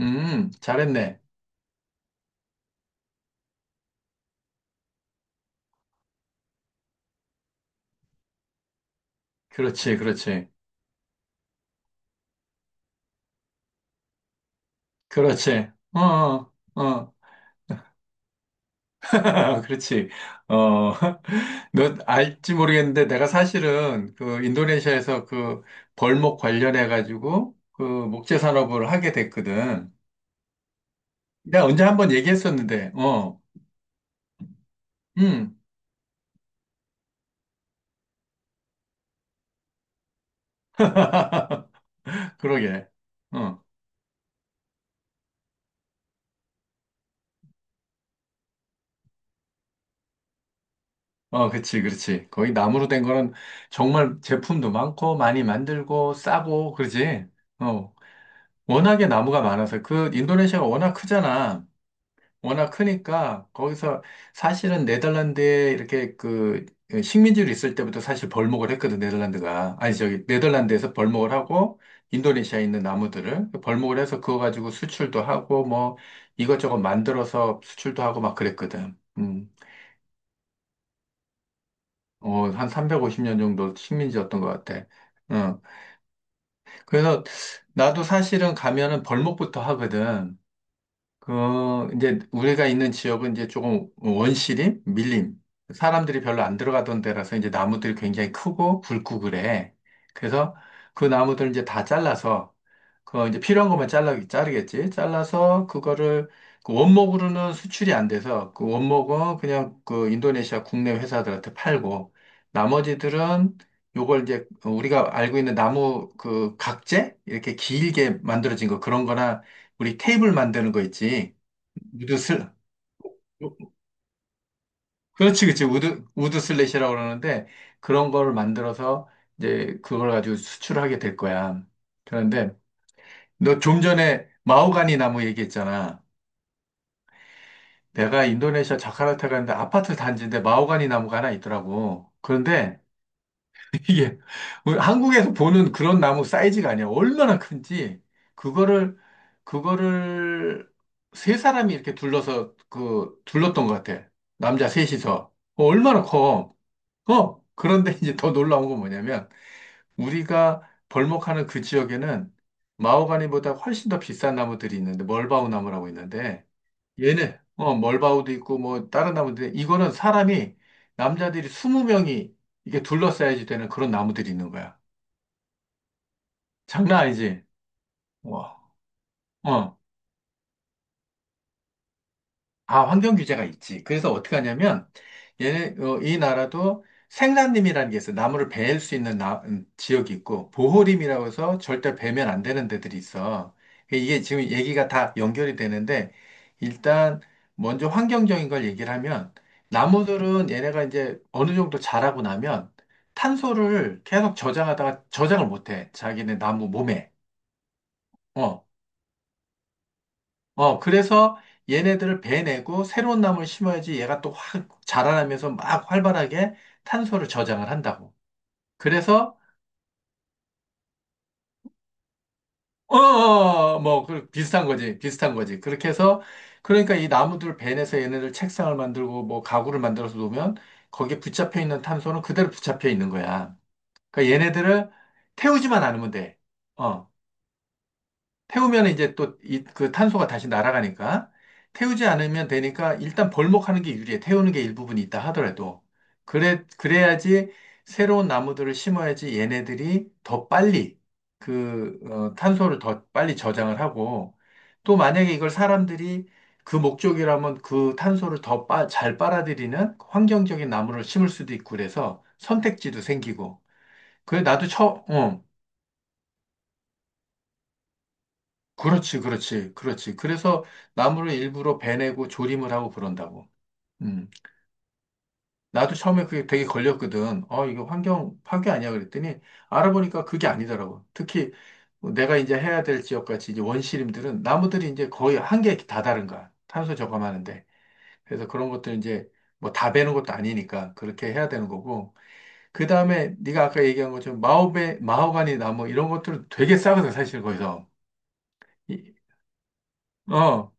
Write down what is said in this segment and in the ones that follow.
잘했네. 그렇지, 그렇지, 그렇지. 어, 어, 어. 그렇지. 어, 너 알지 모르겠는데 내가 사실은 그 인도네시아에서 그 벌목 관련해 가지고 그 목재 산업을 하게 됐거든. 내가 언제 한 번 얘기했었는데, 어, 음, 그러게. 어, 어, 그렇지, 그렇지. 거기 나무로 된 거는 정말 제품도 많고 많이 만들고 싸고 그러지. 어. 워낙에 나무가 많아서 그 인도네시아가 워낙 크잖아. 워낙 크니까 거기서 사실은 네덜란드에 이렇게 그 식민지로 있을 때부터 사실 벌목을 했거든. 네덜란드가 아니 저기 네덜란드에서 벌목을 하고 인도네시아에 있는 나무들을 벌목을 해서 그거 가지고 수출도 하고, 뭐 이것저것 만들어서 수출도 하고 막 그랬거든. 어, 한 350년 정도 식민지였던 것 같아. 어, 그래서 나도 사실은 가면은 벌목부터 하거든. 그, 이제 우리가 있는 지역은 이제 조금 원시림, 밀림. 사람들이 별로 안 들어가던 데라서 이제 나무들이 굉장히 크고 굵고 그래. 그래서 그 나무들 이제 다 잘라서 그 이제 필요한 것만 잘라 자르겠지. 잘라서 그거를 그 원목으로는 수출이 안 돼서 그 원목은 그냥 그 인도네시아 국내 회사들한테 팔고, 나머지들은 요걸 이제 우리가 알고 있는 나무 그 각재 이렇게 길게 만들어진 거 그런 거나 우리 테이블 만드는 거 있지. 우드 슬 그렇지, 그렇지. 우드 슬랫이라고 그러는데 그런 거를 만들어서 이제 그걸 가지고 수출하게 될 거야. 그런데 너 좀 전에 마호가니 나무 얘기했잖아. 내가 인도네시아 자카르타 갔는데 아파트 단지인데 마호가니 나무가 하나 있더라고. 그런데 이게 우리 한국에서 보는 그런 나무 사이즈가 아니야. 얼마나 큰지 그거를 그거를 세 사람이 이렇게 둘러서 그 둘렀던 것 같아. 남자 셋이서, 어, 얼마나 커. 어, 그런데 이제 더 놀라운 건 뭐냐면 우리가 벌목하는 그 지역에는 마호가니보다 훨씬 더 비싼 나무들이 있는데 멀바우 나무라고 있는데 얘네, 어, 멀바우도 있고, 뭐, 다른 나무들, 남자들이 20명이 이게 둘러싸야지 되는 그런 나무들이 있는 거야. 장난 아니지? 와, 어. 아, 환경 규제가 있지. 그래서 어떻게 하냐면, 얘네, 어, 이 나라도 생산림이라는 게 있어. 나무를 베일 수 있는 지역이 있고, 보호림이라고 해서 절대 베면 안 되는 데들이 있어. 그러니까 이게 지금 얘기가 다 연결이 되는데, 일단 먼저 환경적인 걸 얘기를 하면, 나무들은 얘네가 이제 어느 정도 자라고 나면 탄소를 계속 저장하다가 저장을 못 해. 자기네 나무 몸에. 어. 어, 그래서 얘네들을 베내고 새로운 나무를 심어야지 얘가 또 확 자라나면서 막 활발하게 탄소를 저장을 한다고. 그래서, 어, 어, 어, 뭐, 그 비슷한 거지. 비슷한 거지. 그렇게 해서, 그러니까 이 나무들 베내서 얘네들 책상을 만들고 뭐 가구를 만들어서 놓으면 거기에 붙잡혀 있는 탄소는 그대로 붙잡혀 있는 거야. 그러니까 얘네들을 태우지만 않으면 돼. 어. 태우면 이제 또 그 탄소가 다시 날아가니까 태우지 않으면 되니까 일단 벌목하는 게 유리해. 태우는 게 일부분이 있다 하더라도. 그래, 그래야지 새로운 나무들을 심어야지 얘네들이 더 빨리 그 어, 탄소를 더 빨리 저장을 하고 또 만약에 이걸 사람들이 그 목적이라면 그 탄소를 더 잘 빨아들이는 환경적인 나무를 심을 수도 있고 그래서 선택지도 생기고. 그래, 나도 어, 그렇지, 그렇지, 그렇지. 그래서 나무를 일부러 베내고 조림을 하고 그런다고. 음. 나도 처음에 그게 되게 걸렸거든. 어, 이거 환경 파괴 아니야? 그랬더니 알아보니까 그게 아니더라고. 특히 뭐 내가 이제 해야 될 지역같이 이제 원시림들은 나무들이 이제 거의 한계에 다다른 거야. 탄소 저감하는데. 그래서 그런 것들 이제 뭐 다 베는 것도 아니니까 그렇게 해야 되는 거고. 그 다음에 네가 아까 얘기한 것처럼 마호가니 나무 이런 것들은 되게 싸거든, 사실 거기서. 이- 어.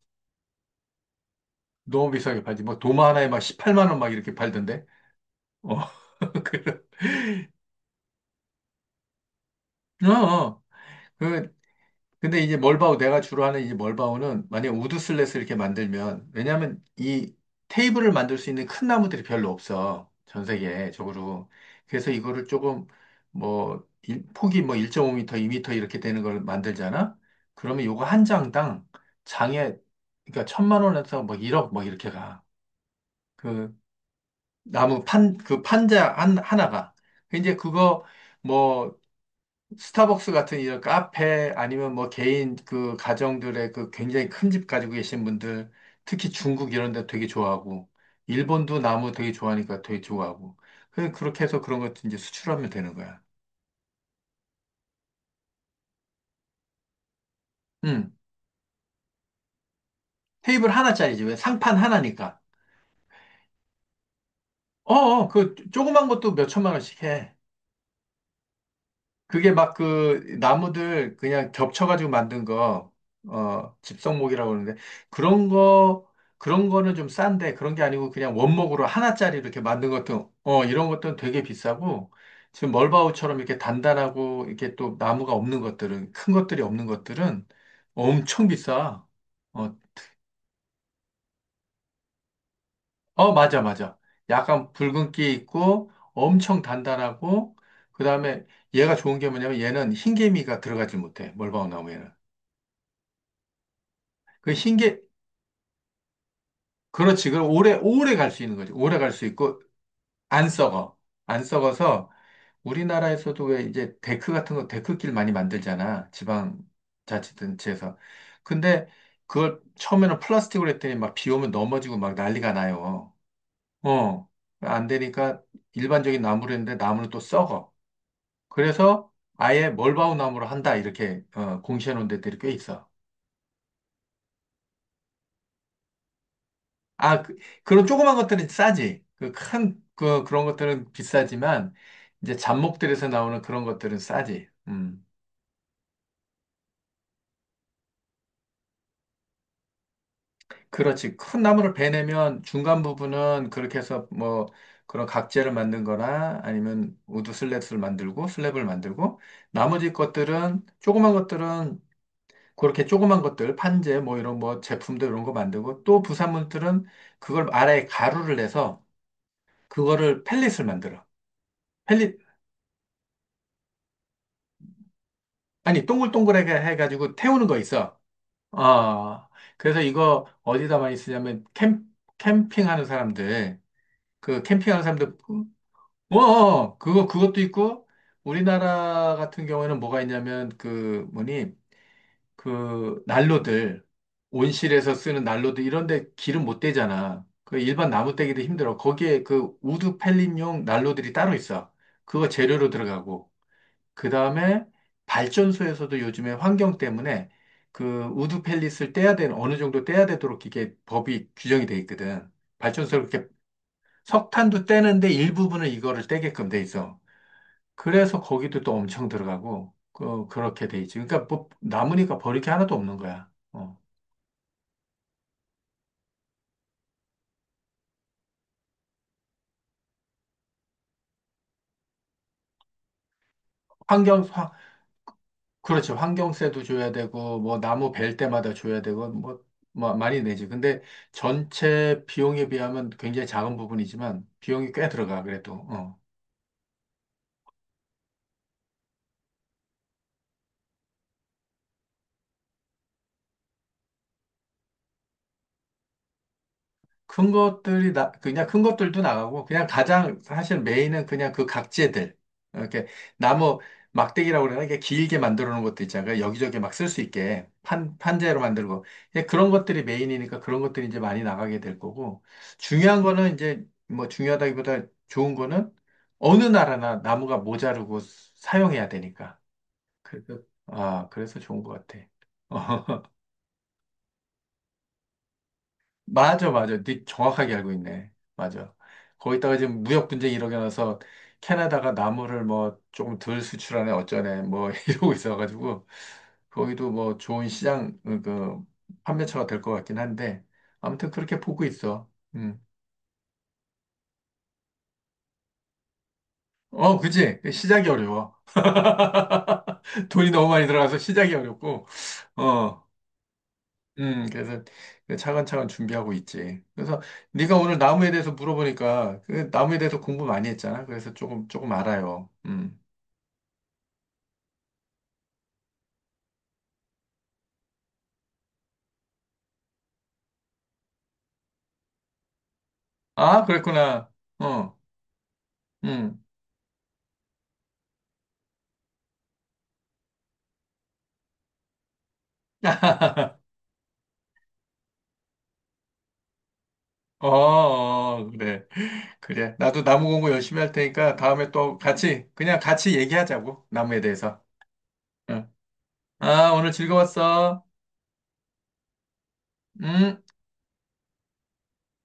너무 비싸게 팔지. 뭐 도마 하나에 막 18만 원 막 이렇게 팔던데. 어, 그런. 어, 어. 그, 근데 이제 멀바우, 내가 주로 하는 이 멀바우는 만약 우드슬랫을 이렇게 만들면, 왜냐면 이 테이블을 만들 수 있는 큰 나무들이 별로 없어. 전 세계적으로. 그래서 이거를 조금 뭐, 폭이 뭐 1.5m, 2m 이렇게 되는 걸 만들잖아? 그러면 요거 한 장당 장에, 그러니까 천만 원에서 뭐 1억 뭐 이렇게 가. 그, 나무 판, 그 판자 하나가. 그 이제 그거 뭐 스타벅스 같은 이런 카페 아니면 뭐 개인 그 가정들의 그 굉장히 큰 집 가지고 계신 분들, 특히 중국 이런 데 되게 좋아하고 일본도 나무 되게 좋아하니까 되게 좋아하고. 그렇게 해서 그런 것도 이제 수출하면 되는 거야. 음. 테이블 하나짜리지. 왜 상판 하나니까. 어, 어, 그 조그만 것도 몇 천만 원씩 해. 그게 막 그 나무들 그냥 겹쳐가지고 만든 거, 어, 집성목이라고 그러는데, 그런 거, 그런 거는 좀 싼데, 그런 게 아니고 그냥 원목으로 하나짜리 이렇게 만든 것도, 어, 이런 것들은 되게 비싸고, 지금 멀바우처럼 이렇게 단단하고, 이렇게 또 나무가 없는 것들은, 큰 것들이 없는 것들은 엄청 비싸. 어, 어, 맞아, 맞아. 약간 붉은기 있고, 엄청 단단하고, 그 다음에 얘가 좋은 게 뭐냐면 얘는 흰개미가 들어가질 못해, 멀바우 나무에는. 그 흰게, 그렇지. 그럼 오래 갈 수 있는 거지. 오래 갈 수 있고, 안 썩어. 안 썩어서, 우리나라에서도 왜 이제 데크 같은 거, 데크길 많이 만들잖아. 지방자치단체에서. 근데 그걸 처음에는 플라스틱으로 했더니 막 비 오면 넘어지고 막 난리가 나요. 어. 안 되니까 일반적인 나무로 했는데 나무는 또 썩어. 그래서 아예 멀바우 나무로 한다. 이렇게, 어, 공시해 놓은 데들이 꽤 있어. 아, 그, 그런 조그만 것들은 싸지. 그 그런 것들은 비싸지만, 이제 잡목들에서 나오는 그런 것들은 싸지. 음. 그렇지. 큰 나무를 베내면 중간 부분은 그렇게 해서 뭐, 그런 각재를 만든 거나 아니면 우드 슬랩을 만들고, 나머지 것들은, 조그만 것들은 그렇게 조그만 것들, 판재, 뭐 이런 뭐 제품도 이런 거 만들고, 또 부산물들은 그걸 아래에 가루를 내서, 그거를 펠릿을 만들어. 아니, 동글동글하게 해가지고 태우는 거 있어. 어, 그래서 이거 어디다 많이 쓰냐면, 캠핑하는 사람들, 그 캠핑하는 사람들, 어, 어, 어. 그거, 그것도 있고, 우리나라 같은 경우에는 뭐가 있냐면, 그, 뭐니, 그, 난로들, 온실에서 쓰는 난로들, 이런데 기름 못 대잖아. 그 일반 나무 떼기도 힘들어. 거기에 그 우드 펠린용 난로들이 따로 있어. 그거 재료로 들어가고. 그 다음에 발전소에서도 요즘에 환경 때문에 그 우드 펠릿을 떼야 되는 어느 정도 떼야 되도록 이게 법이 규정이 돼 있거든. 발전소를 그렇게 석탄도 떼는데 일부분은 이거를 떼게끔 돼 있어. 그래서 거기도 또 엄청 들어가고 그 그렇게 돼 있지. 그러니까 뭐 남으니까 버릴 게 하나도 없는 거야. 어. 환경 그렇지. 환경세도 줘야 되고, 뭐, 나무 벨 때마다 줘야 되고, 뭐, 뭐, 많이 내지. 근데 전체 비용에 비하면 굉장히 작은 부분이지만, 비용이 꽤 들어가, 그래도. 어. 그냥 큰 것들도 나가고 그냥 가장 사실 메인은 그냥 그 각재들 이렇게 나무 막대기라고 그러나 이게 길게 만들어 놓은 것도 있잖아요. 여기저기 막 쓸 수 있게 판 판재로 만들고, 예, 그런 것들이 메인이니까 그런 것들이 이제 많이 나가게 될 거고, 중요한 거는 이제 뭐 중요하다기보다 좋은 거는 어느 나라나 나무가 모자르고 사용해야 되니까 그래서 아 그래서 좋은 것 같아. 맞아, 맞아. 네 정확하게 알고 있네. 맞아. 거기다가 지금 무역 분쟁이 일어나서 캐나다가 나무를 뭐 조금 덜 수출하네, 어쩌네, 뭐 이러고 있어가지고 거기도 뭐 좋은 시장, 어, 그, 판매처가 될 것 같긴 한데 아무튼 그렇게 보고 있어. 음. 어, 그지? 그 시작이 어려워. 돈이 너무 많이 들어가서 시작이 어렵고, 어. 그래서 그 차근차근 준비하고 있지. 그래서 네가 오늘 나무에 대해서 물어보니까 그 나무에 대해서 공부 많이 했잖아. 그래서 조금 조금 알아요. 음. 아, 그랬구나. 어, 음. 어, 어, 그래. 그래. 나도 나무 공부 열심히 할 테니까 다음에 또 같이 그냥 같이 얘기하자고. 나무에 대해서. 응. 아, 오늘 즐거웠어. 음.